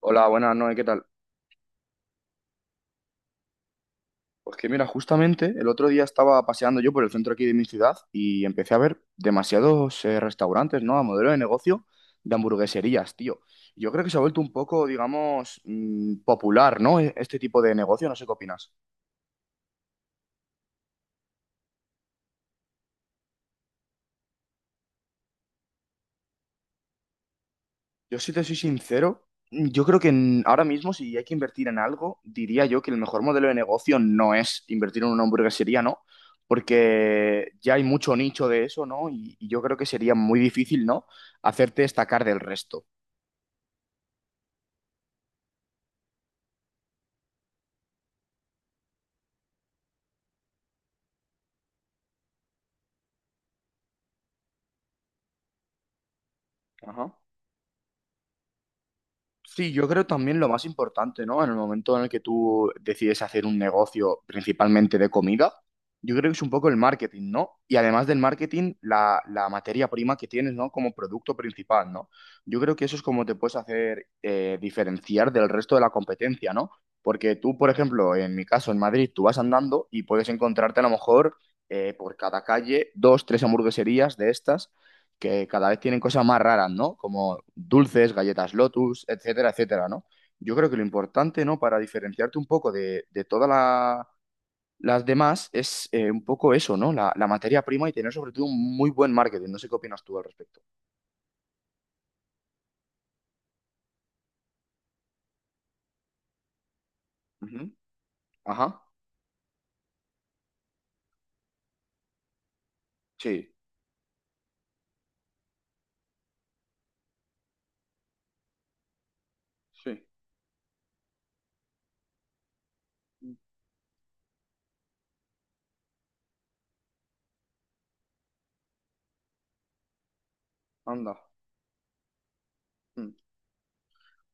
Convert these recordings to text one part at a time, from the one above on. Hola, buenas noches, ¿qué tal? Pues que mira, justamente el otro día estaba paseando yo por el centro aquí de mi ciudad y empecé a ver demasiados restaurantes, ¿no? A modelo de negocio de hamburgueserías, tío. Yo creo que se ha vuelto un poco, digamos, popular, ¿no? Este tipo de negocio, no sé qué opinas. Yo si te soy sincero, yo creo que ahora mismo si hay que invertir en algo, diría yo que el mejor modelo de negocio no es invertir en una hamburguesería, ¿no? Porque ya hay mucho nicho de eso, ¿no? Y yo creo que sería muy difícil, ¿no? Hacerte destacar del resto. Ajá. Sí, yo creo también lo más importante, ¿no? En el momento en el que tú decides hacer un negocio principalmente de comida, yo creo que es un poco el marketing, ¿no? Y además del marketing, la materia prima que tienes, ¿no? Como producto principal, ¿no? Yo creo que eso es como te puedes hacer diferenciar del resto de la competencia, ¿no? Porque tú, por ejemplo, en mi caso, en Madrid, tú vas andando y puedes encontrarte a lo mejor por cada calle dos, tres hamburgueserías de estas que cada vez tienen cosas más raras, ¿no? Como dulces, galletas Lotus, etcétera, etcétera, ¿no? Yo creo que lo importante, ¿no? Para diferenciarte un poco de, las demás es un poco eso, ¿no? La materia prima y tener sobre todo un muy buen marketing. No sé qué opinas tú al respecto. Ujú. Ajá. Sí, sí. Anda.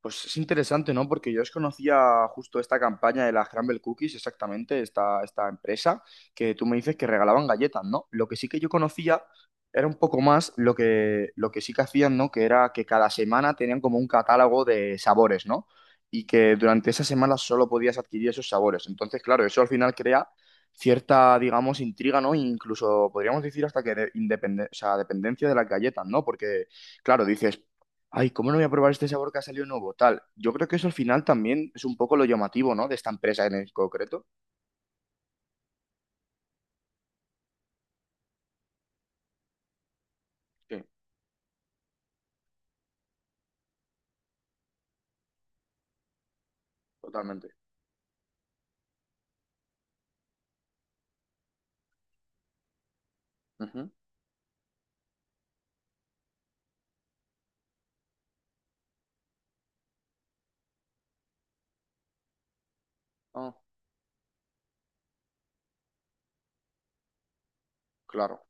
Pues es interesante, ¿no? Porque yo desconocía justo esta campaña de las Crumble Cookies, exactamente, esta empresa, que tú me dices que regalaban galletas, ¿no? Lo que sí que yo conocía era un poco más lo que sí que hacían, ¿no? Que era que cada semana tenían como un catálogo de sabores, ¿no? Y que durante esa semana solo podías adquirir esos sabores. Entonces, claro, eso al final crea cierta, digamos, intriga, ¿no? Incluso podríamos decir hasta o sea, dependencia de las galletas, ¿no? Porque… Claro, dices, ay, ¿cómo no voy a probar este sabor que ha salido nuevo? Tal. Yo creo que eso al final también es un poco lo llamativo, ¿no? De esta empresa en el concreto. Sí, totalmente. Ujú. Ah, claro.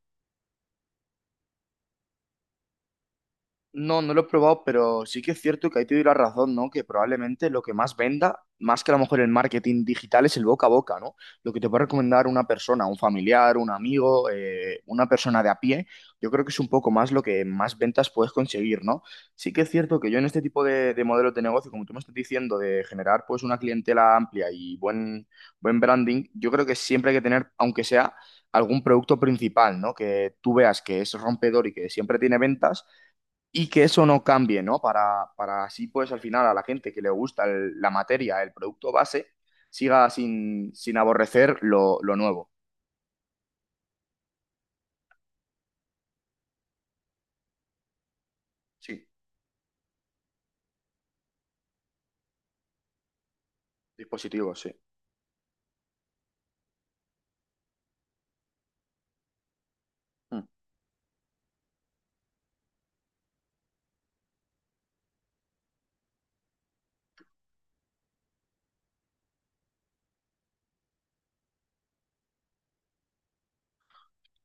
No, no lo he probado, pero sí que es cierto que ahí te doy la razón, ¿no? Que probablemente lo que más venda, más que a lo mejor el marketing digital, es el boca a boca, ¿no? Lo que te puede recomendar una persona, un familiar, un amigo, una persona de a pie, yo creo que es un poco más lo que más ventas puedes conseguir, ¿no? Sí que es cierto que yo en este tipo de modelos de negocio, como tú me estás diciendo, de generar pues una clientela amplia y buen branding, yo creo que siempre hay que tener, aunque sea… algún producto principal, ¿no? Que tú veas que es rompedor y que siempre tiene ventas y que eso no cambie, ¿no? Para así, pues al final a la gente que le gusta la materia, el producto base, siga sin, sin aborrecer lo nuevo. Sí, dispositivos, sí. Mm.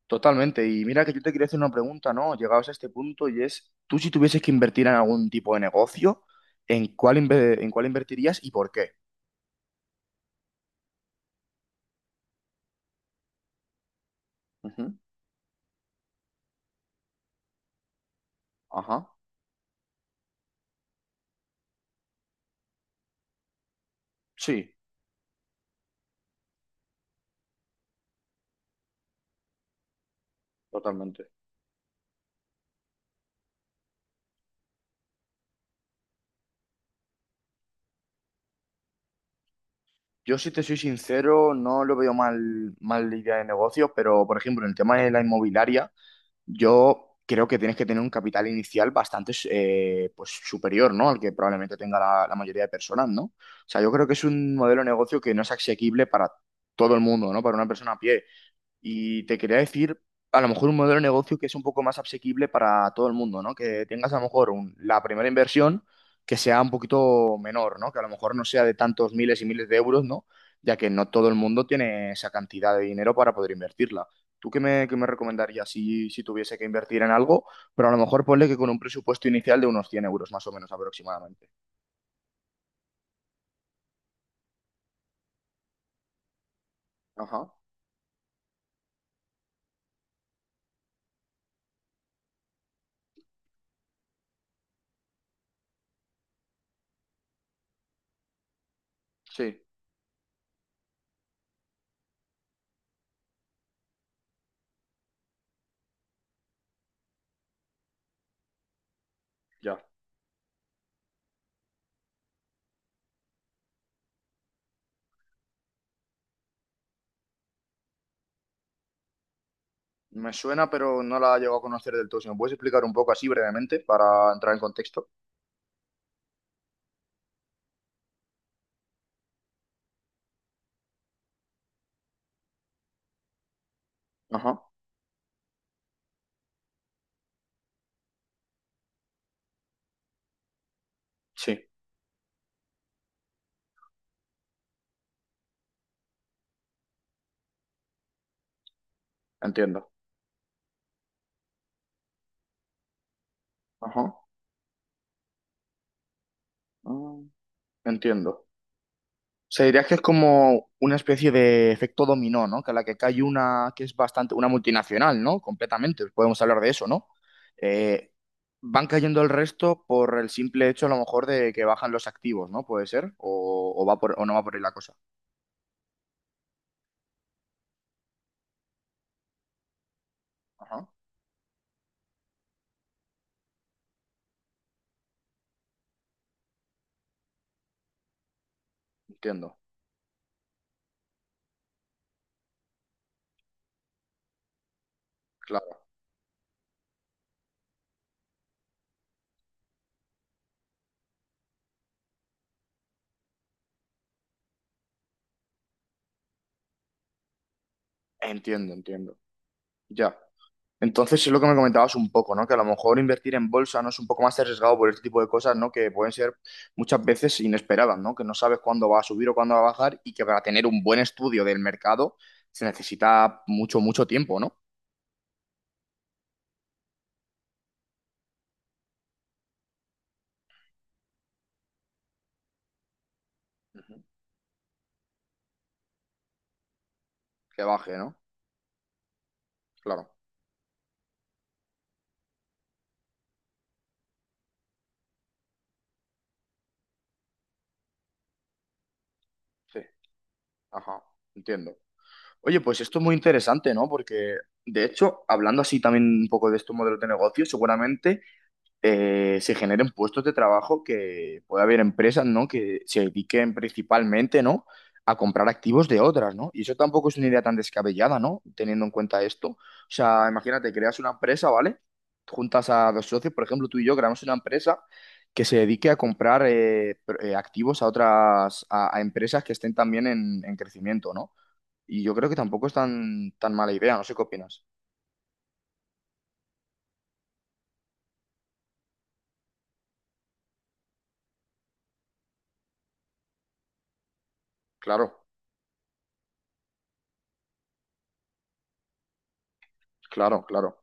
Totalmente. Y mira que yo te quería hacer una pregunta, ¿no? Llegados a este punto y es, tú si tuvieses que invertir en algún tipo de negocio, ¿en cuál, en cuál invertirías y por qué? Ujú. Ajá, sí, totalmente. Yo, si te soy sincero, no lo veo mal, mal idea de negocio, pero, por ejemplo, en el tema de la inmobiliaria, yo creo que tienes que tener un capital inicial bastante pues, superior, ¿no? Al que probablemente tenga la mayoría de personas, ¿no? O sea, yo creo que es un modelo de negocio que no es asequible para todo el mundo, ¿no? Para una persona a pie. Y te quería decir, a lo mejor un modelo de negocio que es un poco más asequible para todo el mundo, ¿no? Que tengas a lo mejor la primera inversión que sea un poquito menor, ¿no? Que a lo mejor no sea de tantos miles y miles de euros, ¿no? Ya que no todo el mundo tiene esa cantidad de dinero para poder invertirla. ¿Tú qué me recomendarías si tuviese que invertir en algo? Pero a lo mejor ponle que con un presupuesto inicial de unos 100 euros más o menos aproximadamente. Ajá, sí, ya. Me suena, pero no la llego a conocer del todo. Si me puedes explicar un poco así brevemente para entrar en contexto. Ajá, sí, entiendo. Ajá, ah, entiendo. Se diría que es como una especie de efecto dominó, ¿no? Que a la que cae una que es bastante, una multinacional, ¿no? Completamente, podemos hablar de eso, ¿no? Eh, van cayendo el resto por el simple hecho, a lo mejor, de que bajan los activos, ¿no? Puede ser, o va por, o no va por ahí la cosa. Ajá, entiendo, claro. Entiendo, entiendo. Ya. Entonces, es lo que me comentabas un poco, ¿no? Que a lo mejor invertir en bolsa no es un poco más arriesgado por este tipo de cosas, ¿no? Que pueden ser muchas veces inesperadas, ¿no? Que no sabes cuándo va a subir o cuándo va a bajar y que para tener un buen estudio del mercado se necesita mucho, mucho tiempo, ¿no? Ujú. Que baje, ¿no? Claro, sí, ajá, entiendo. Oye, pues esto es muy interesante, ¿no? Porque, de hecho, hablando así también un poco de estos modelos de negocio, seguramente se generen puestos de trabajo, que pueda haber empresas, ¿no? Que se dediquen principalmente, ¿no? A comprar activos de otras, ¿no? Y eso tampoco es una idea tan descabellada, ¿no? Teniendo en cuenta esto. O sea, imagínate, creas una empresa, ¿vale? Juntas a dos socios, por ejemplo, tú y yo creamos una empresa que se dedique a comprar activos a otras, a empresas que estén también en crecimiento, ¿no? Y yo creo que tampoco es tan, tan mala idea, no sé qué opinas. Claro, claro, claro.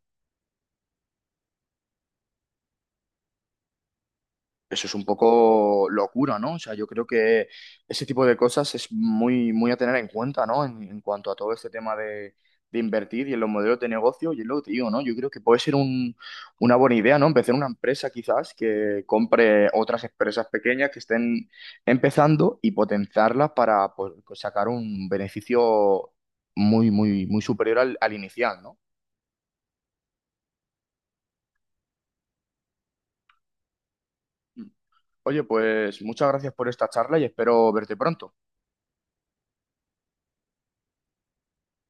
Eso es un poco locura, ¿no? O sea, yo creo que ese tipo de cosas es muy, muy a tener en cuenta, ¿no? En cuanto a todo este tema de invertir y en los modelos de negocio, y es lo que te digo, ¿no? Yo creo que puede ser una buena idea, ¿no? Empezar una empresa quizás que compre otras empresas pequeñas que estén empezando y potenciarlas para pues, sacar un beneficio muy, muy, muy superior al, al inicial, ¿no? Oye, pues muchas gracias por esta charla y espero verte pronto.